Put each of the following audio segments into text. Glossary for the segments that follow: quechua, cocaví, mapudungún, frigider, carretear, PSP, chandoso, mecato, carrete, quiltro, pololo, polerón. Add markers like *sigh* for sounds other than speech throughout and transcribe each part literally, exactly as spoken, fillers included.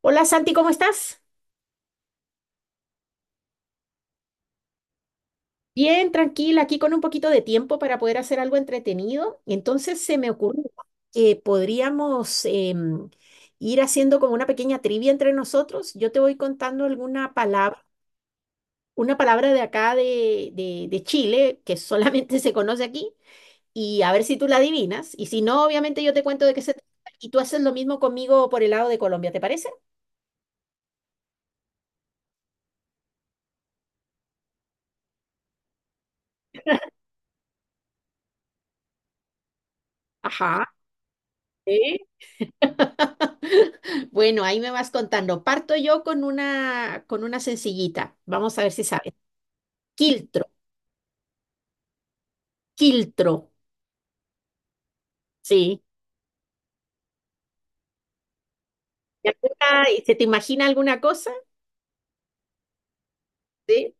Hola Santi, ¿cómo estás? Bien, tranquila, aquí con un poquito de tiempo para poder hacer algo entretenido. Entonces se me ocurrió que podríamos em, ir haciendo como una pequeña trivia entre nosotros. Yo te voy contando alguna palabra, una palabra de acá de, de- de Chile, que solamente *laughs* se conoce aquí, y a ver si tú la adivinas. Y si no, obviamente yo te cuento de qué se trata y tú haces lo mismo conmigo por el lado de Colombia, ¿te parece? Ajá. Sí. *laughs* Bueno, ahí me vas contando. Parto yo con una, con una sencillita. Vamos a ver si sabes. Quiltro, quiltro, sí. ¿Y alguna- y se te imagina alguna cosa? Sí.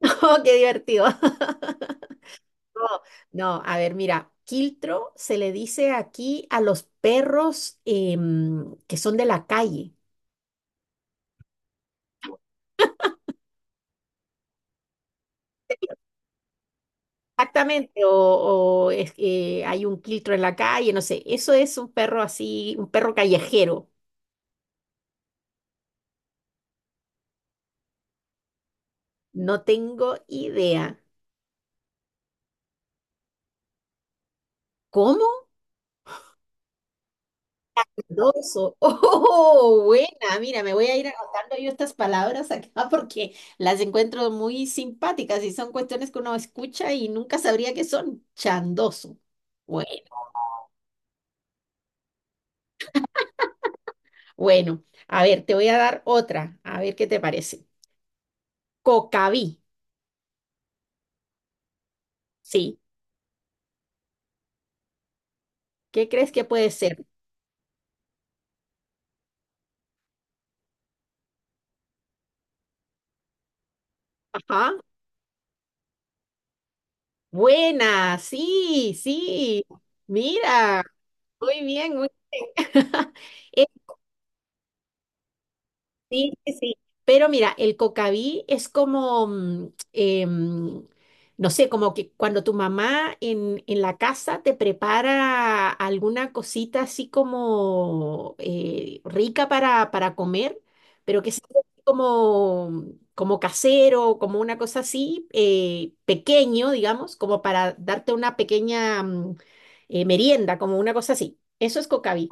*laughs* Oh, qué divertido. *laughs* No, no, a ver, mira, quiltro se le dice aquí a los perros em, que son de la calle. Exactamente, o, o es que hay un quiltro en la calle, no sé. Eso es un perro así, un perro callejero. No tengo idea. ¿Cómo? Doso. *laughs* Oh, buena. Mira, me voy a ir anotando yo estas palabras acá *laughs* porque las encuentro muy simpáticas y son cuestiones que uno escucha y nunca sabría qué son. Chandoso. Bueno, bueno. A ver, te voy a dar otra. A ver qué te parece. Cocaví. Sí. ¿Qué crees que puede ser? Ajá. Buena. Sí, sí. Mira. Muy bien, muy bien. *laughs* Es sí, sí, sí. Pero mira, el cocaví es como, mm, em, no sé, como que cuando tu mamá en, en la casa te prepara alguna cosita así como eh, rica para, para comer, pero que es como, como casero, como una cosa así, eh, pequeño, digamos, como para darte una pequeña mm, eh, merienda, como una cosa así. Eso es cocaví.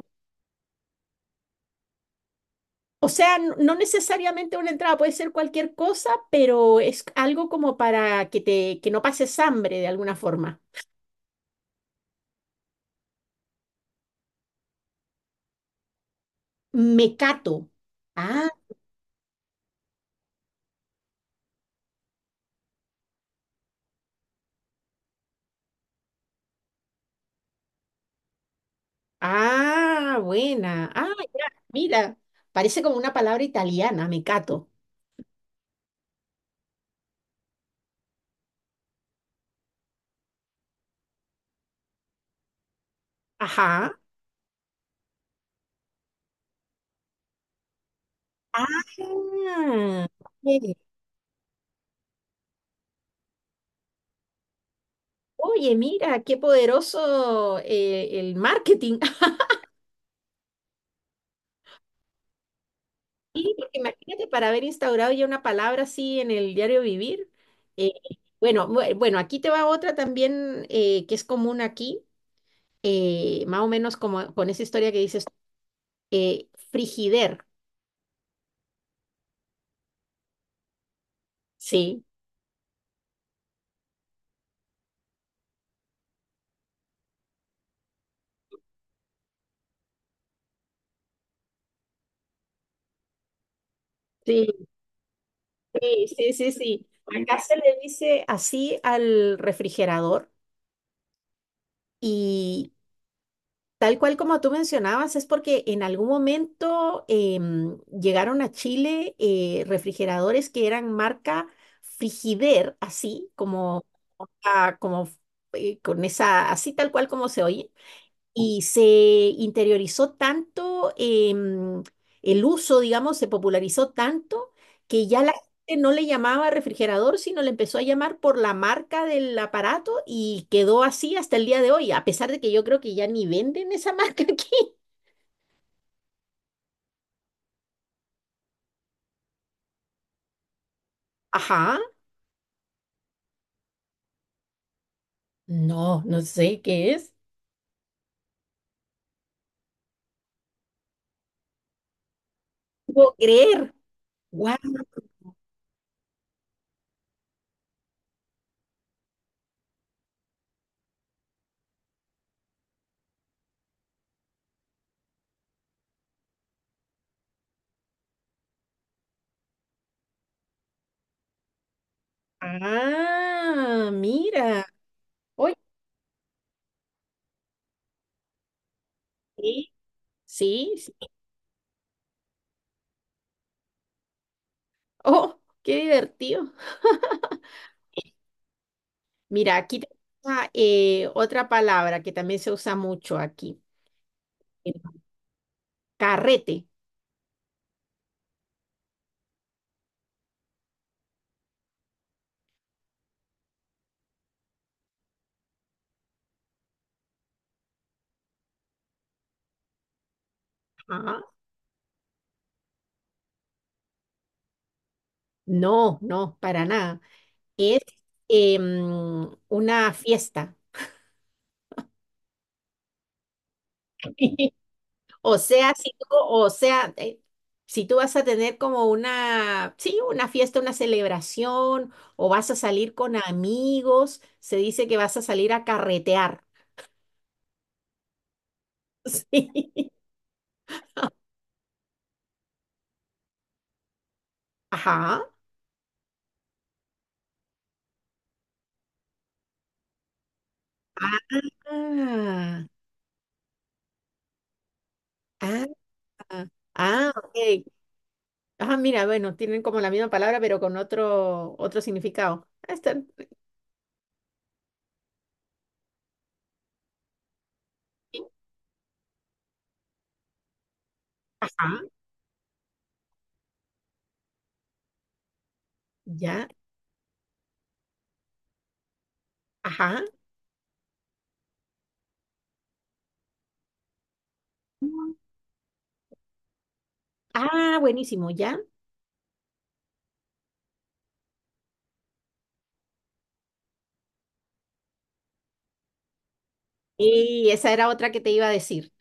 O sea, n- no necesariamente una entrada, puede ser cualquier cosa, pero es algo como para que te, que no pases hambre de alguna forma. Mecato. Ah, ah, buena. Ah, ya, mira, parece como una palabra italiana, mecato. Ajá. Ah, oye, oye, mira, qué poderoso eh, el marketing. Sí, porque imagínate para haber instaurado ya una palabra así en el diario vivir. eh, bueno, bue- bueno, aquí te va otra también eh, que es común aquí, eh, más o menos como con esa historia que dices, eh, frigider. Sí, sí, sí, sí, sí, sí. Acá se le dice así al refrigerador y tal cual como tú mencionabas, es porque en algún momento em, llegaron a Chile eh, refrigeradores que eran marca Frigider, así como, ah, como eh, con esa, así tal cual como se oye, y se interiorizó tanto em, el uso, digamos, se popularizó tanto que ya la gente no le llamaba refrigerador, sino le empezó a llamar por la marca del aparato y quedó así hasta el día de hoy, a pesar de que yo creo que ya ni venden esa marca *laughs* aquí. Ajá, no, no sé qué es. No puedo creer. Guau. Ah, mira. Oye, sí, sí. Sí. Oh, qué divertido. Mira, aquí tengo eh, otra palabra que también se usa mucho aquí. eh, Carrete. Ajá. No, no, para nada. Es eh, mm, una fiesta. *laughs* O sea, si tú, o sea, eh, si tú vas a tener como una, sí, una fiesta, una celebración, o vas a salir con amigos, se dice que vas a salir a carretear. *laughs* Sí. Ajá. Ah, ah, ah, ok. Ah, mira, bueno, tienen como la misma palabra, pero con otro, otro significado. Ah, está. Ajá, ya, ajá. Ah, buenísimo, ya. Y esa era otra que te iba a decir.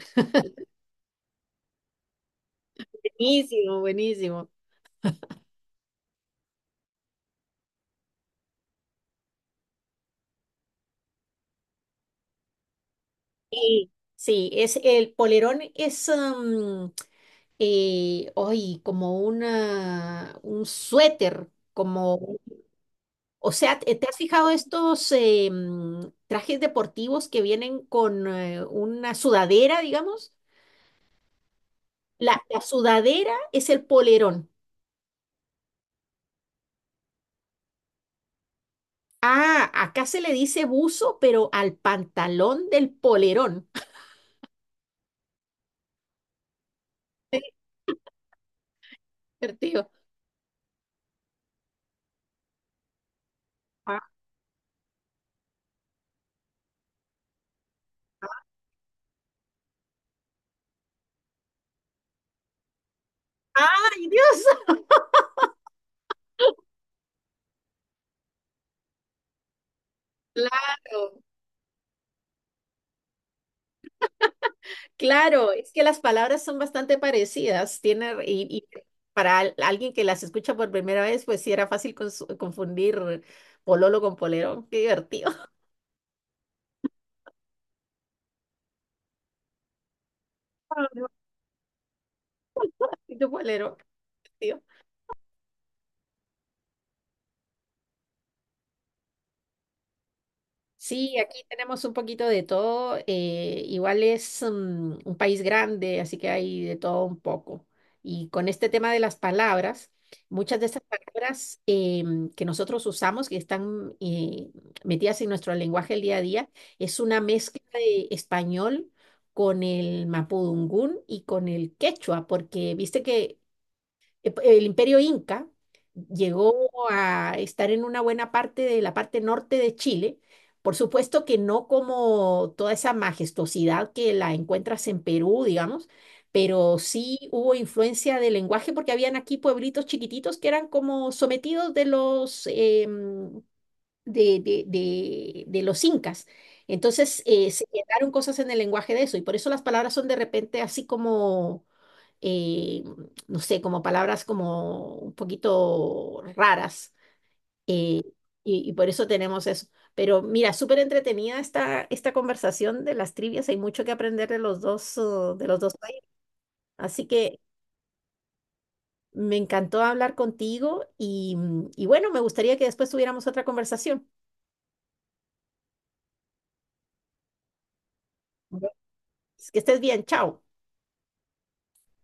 Buenísimo, buenísimo. Y sí, es el polerón es um, eh, hoy como una un suéter, como, o sea, ¿te te has fijado estos eh, mm, trajes deportivos que vienen con eh, una sudadera, digamos? La, la sudadera es el polerón. Ah, acá se le dice buzo, pero al pantalón del polerón. *laughs* Qué divertido. Ah, ¡ay, Dios! Claro, claro, es que las palabras son bastante parecidas. Tiene, y, y para al- alguien que las escucha por primera vez, pues sí era fácil cons- confundir pololo con polerón. Qué divertido. *laughs* Ah, no, qué polerón, qué divertido. Sí, aquí tenemos un poquito de todo. Eh, igual es mm, un país grande, así que hay de todo un poco. Y con este tema de las palabras, muchas de estas palabras em, que nosotros usamos, que están eh, metidas en nuestro lenguaje el día a día, es una mezcla de español con el mapudungún y con el quechua, porque viste que eh, p- el imperio inca llegó a estar en una buena parte de la parte norte de Chile. Por supuesto que no como toda esa majestuosidad que la encuentras en Perú, digamos, pero sí hubo influencia del lenguaje porque habían aquí pueblitos chiquititos que eran como sometidos de los, em, de, de- de- de los incas. Entonces eh, se quedaron cosas en el lenguaje de eso y por eso las palabras son de repente así como eh, no sé, como palabras como un poquito raras. eh, y, y por eso tenemos eso. Pero mira, súper entretenida esta, esta conversación de las trivias. Hay mucho que aprender de los dos, uh, de los dos países. Así que me encantó hablar contigo y, mm, y bueno, me gustaría que después tuviéramos otra conversación. Bueno. Que estés bien, chao.